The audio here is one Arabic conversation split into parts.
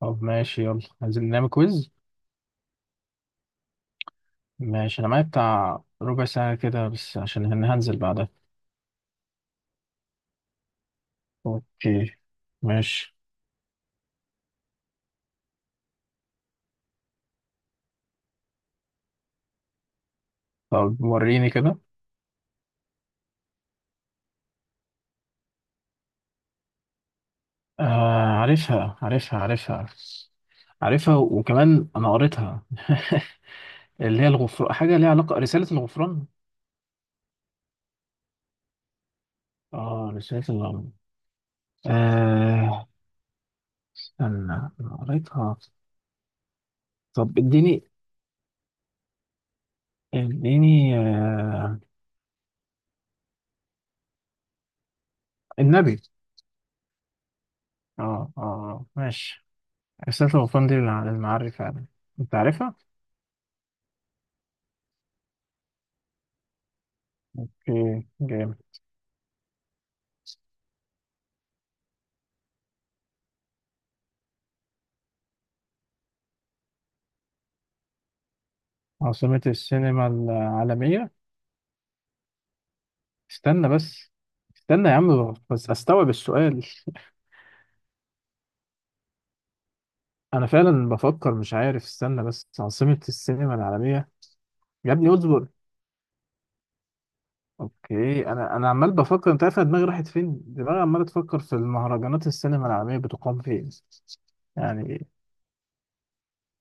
طب ماشي يلا عايزين نعمل كويز. ماشي انا معايا بتاع ربع ساعة كده بس عشان هنزل بعدها. اوكي ماشي. طب وريني كده. آه عارفها عارفها وكمان انا قريتها اللي هي الغفران، حاجة ليها علاقة، رسالة الغفران. اه رسالة الغفران. آه استنى انا قريتها. طب اديني اديني آه النبي. اه اه آه، ماشي. رسالة الغفران دي للمعري فعلا. انت عارفها؟ اوكي جامد. عاصمة السينما العالمية. استنى بس. استنى يا عم بس استوعب السؤال. انا فعلا بفكر مش عارف، استنى بس. عاصمة السينما العالمية. يا ابني اصبر. اوكي. انا عمال بفكر، انت عارف أنا دماغي راحت فين؟ دماغي عمالة تفكر في المهرجانات السينما العالمية بتقام فين. يعني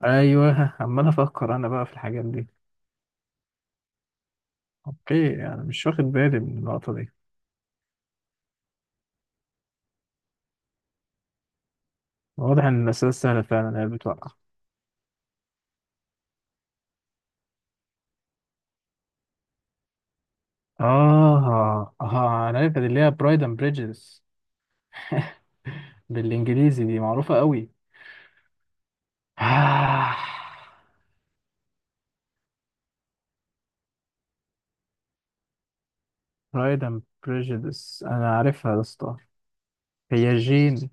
ايوه عمال افكر انا بقى في الحاجات دي. اوكي يعني مش واخد بالي من النقطة دي. واضح ان الاسئلة سهلة فعلا هي اللي بتوقع. آه آه أنا عارف، اللي هي برايد أند بريجيس بالإنجليزي دي معروفة قوي. آه برايد أند بريجيس أنا عارفها يا اسطى. هي جين.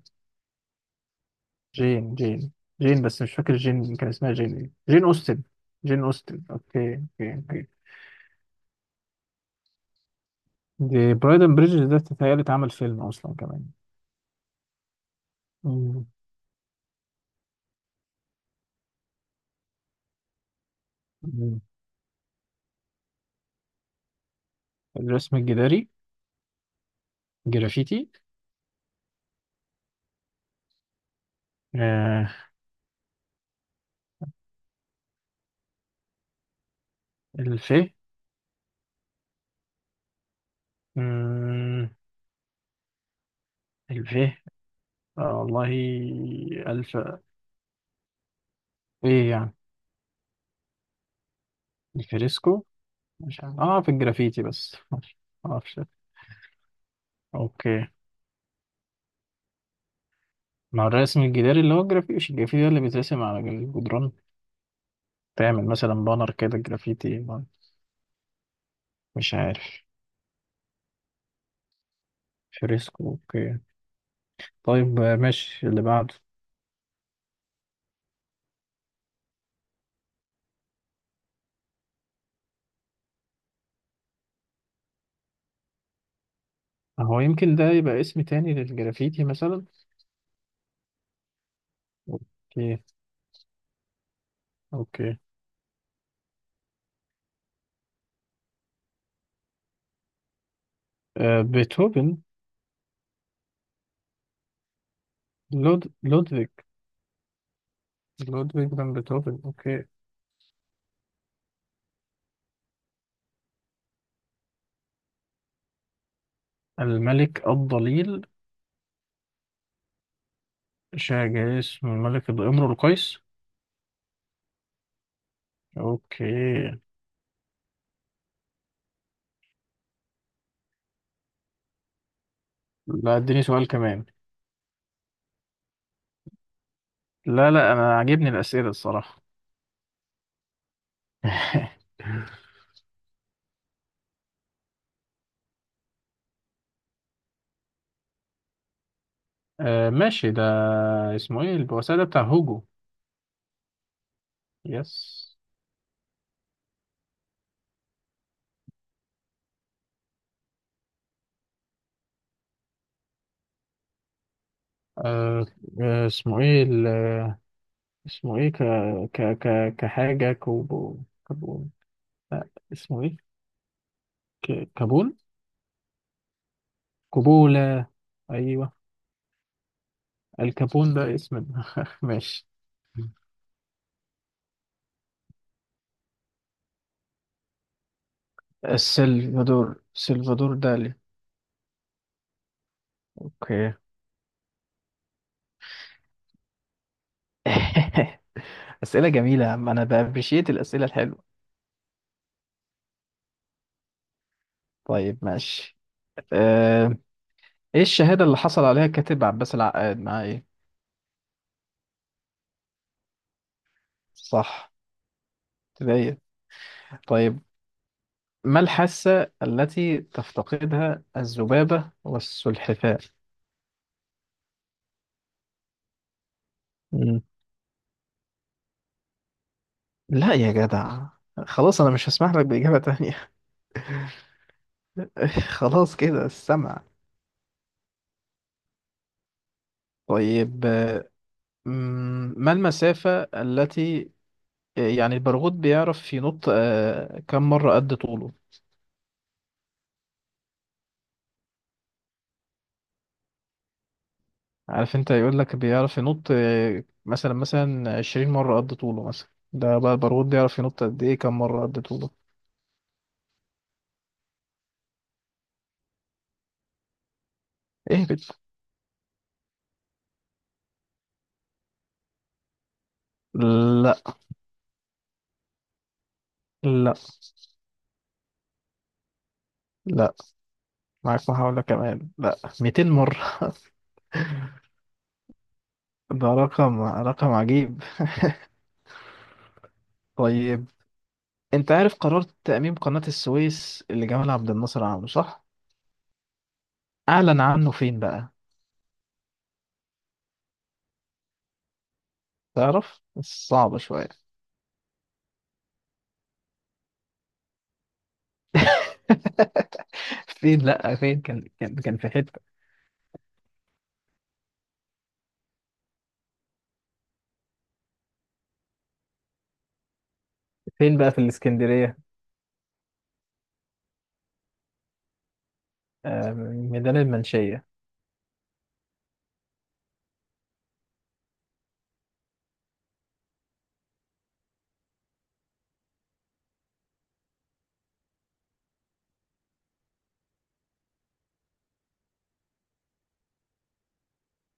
جين جين جين بس مش فاكر جين كان اسمها جين إيه. جين أوستن. جين أوستن أوكي أوكي أوكي. دي برايد أند بريجيس ده تتهيألي اتعمل فيلم أصلا كمان. مم. مم. الرسم الجداري. جرافيتي. آه الفيه. مم، الفيه. آه والله. 1000. ايه يعني؟ الفريسكو. مش عارف اه في الجرافيتي بس. ماشي. معرفش. اوكي. مع الرسم الجداري اللي هو الجرافيتي، مش الجرافيتي ده اللي بيترسم على الجدران. تعمل مثلا بانر كده جرافيتي. مش عارف. فريسكو اوكي. طيب ماشي اللي بعده. هو يمكن ده يبقى اسم تاني للجرافيتي مثلا. اوكي اوكي. آه بيتهوفن. لودفيج. لودفيج فان بيتهوفن اوكي. الملك الضليل. شاع جاي اسمه الملك الامر القيس. اوكي. لا اديني سؤال كمان. لا لا انا عاجبني الاسئله الصراحه آه ماشي ده. اسمه ايه البؤساء ده؟ بتاع هوجو. يس. آه آه، اسمه ايه اسمه ايه ك ك ك كحاجه كوبو. كابون. لا اسمه ايه؟ ك... كابون. كوبولا. ايوه. الكابون ده اسم ماشي. السلفادور. سلفادور دالي. اوكي اسئله جميله يا عم، انا بابريشيت الاسئله الحلوه. طيب ماشي. ايه الشهادة اللي حصل عليها الكاتب عباس العقاد مع ايه؟ صح ابتدائية. طيب. ما الحاسة التي تفتقدها الذبابة والسلحفاة؟ مم. لا يا جدع، خلاص انا مش هسمح لك بإجابة تانية خلاص كده السمع. طيب ما المسافة التي، يعني البرغوث بيعرف ينط كم مرة قد طوله؟ عارف انت يقول لك بيعرف ينط مثلا 20 مرة قد طوله مثلا، ده بقى البارود بيعرف ينط قد ايه، كم مرة قد طوله. ايه لا لا لا. معاك محاولة كمان. لا 200 مرة. ده رقم عجيب. طيب. انت عارف قرار تأميم قناة السويس اللي جمال عبد الناصر عامله صح؟ أعلن عنه فين بقى؟ تعرف؟ صعبة شوية فين، لا فين، كان في حتة. فين بقى في الإسكندرية؟ آه، ميدان المنشية.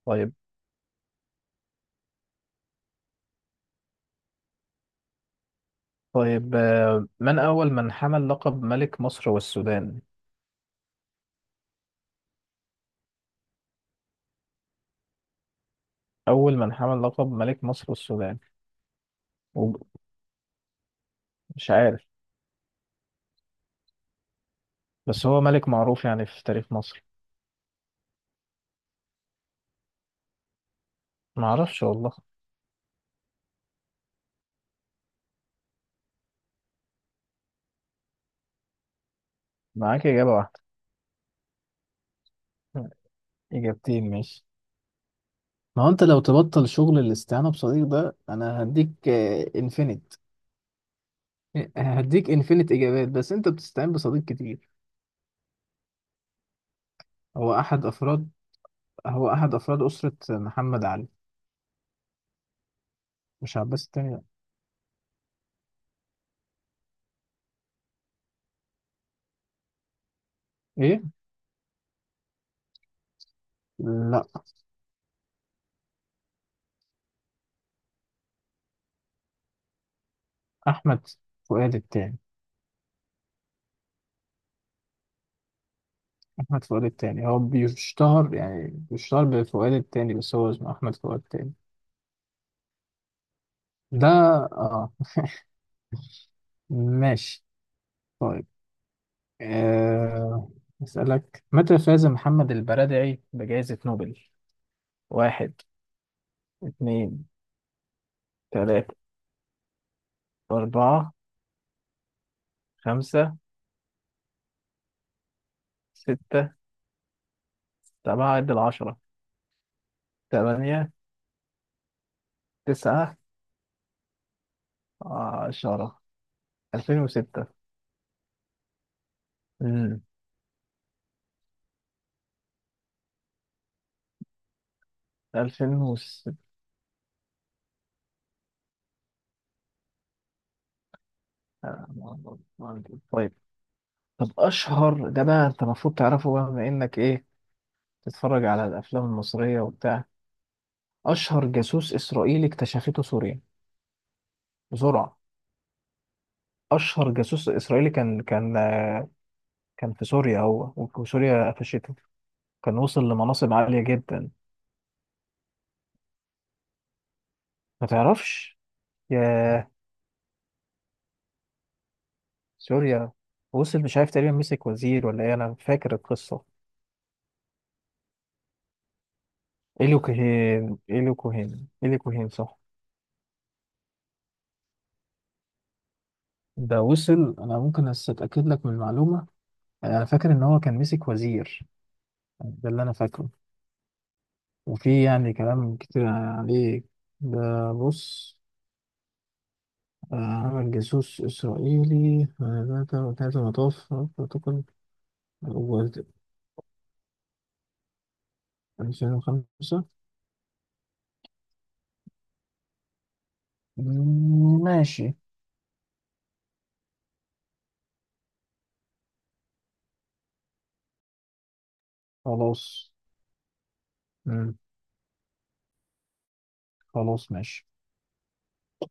طيب. طيب من أول من حمل لقب ملك مصر والسودان؟ أول من حمل لقب ملك مصر والسودان. وب- مش عارف، بس هو ملك معروف يعني في تاريخ مصر. معرفش والله. معاك إجابة واحدة. إجابتين ماشي. ما هو انت لو تبطل شغل الاستعانة بصديق ده انا هديك انفينيت. هديك انفينيت اجابات، بس انت بتستعين بصديق كتير. هو احد افراد هو احد افراد اسرة محمد علي. مش عباس التاني لا. ايه، لا احمد فؤاد التاني. أحمد فؤاد التاني هو بيشتهر يعني بيشتهر بفؤاد التاني، بس هو اسمه أحمد فؤاد التاني. ده آه ماشي. طيب آه أسألك متى فاز محمد البرادعي بجائزة نوبل؟ واحد، اتنين، تلاتة، أربعة، خمسة، ستة، سبعة، عد العشرة. تمانية، تسعة، عشرة. 2006. امم 2006. طيب طب أشهر ده بقى أنت المفروض تعرفه، بقى بما إنك إيه تتفرج على الافلام المصريه وبتاع. اشهر جاسوس اسرائيلي اكتشفته سوريا. بسرعه. اشهر جاسوس اسرائيلي كان في سوريا، هو وسوريا قفشته، كان وصل لمناصب عاليه جدا. ما تعرفش؟ يا سوريا. وصل مش عارف، تقريبا مسك وزير ولا ايه، انا فاكر القصه. إليو كوهين صح. ده وصل. انا ممكن اتاكد لك من المعلومه. انا فاكر ان هو كان مسك وزير. ده اللي انا فاكره. وفي يعني كلام كتير عليه. ده بص عمل جاسوس إسرائيلي ثلاثة مطاف بروتوكول الأول. 2005. ماشي. خلاص. مم، خلاص ماشي.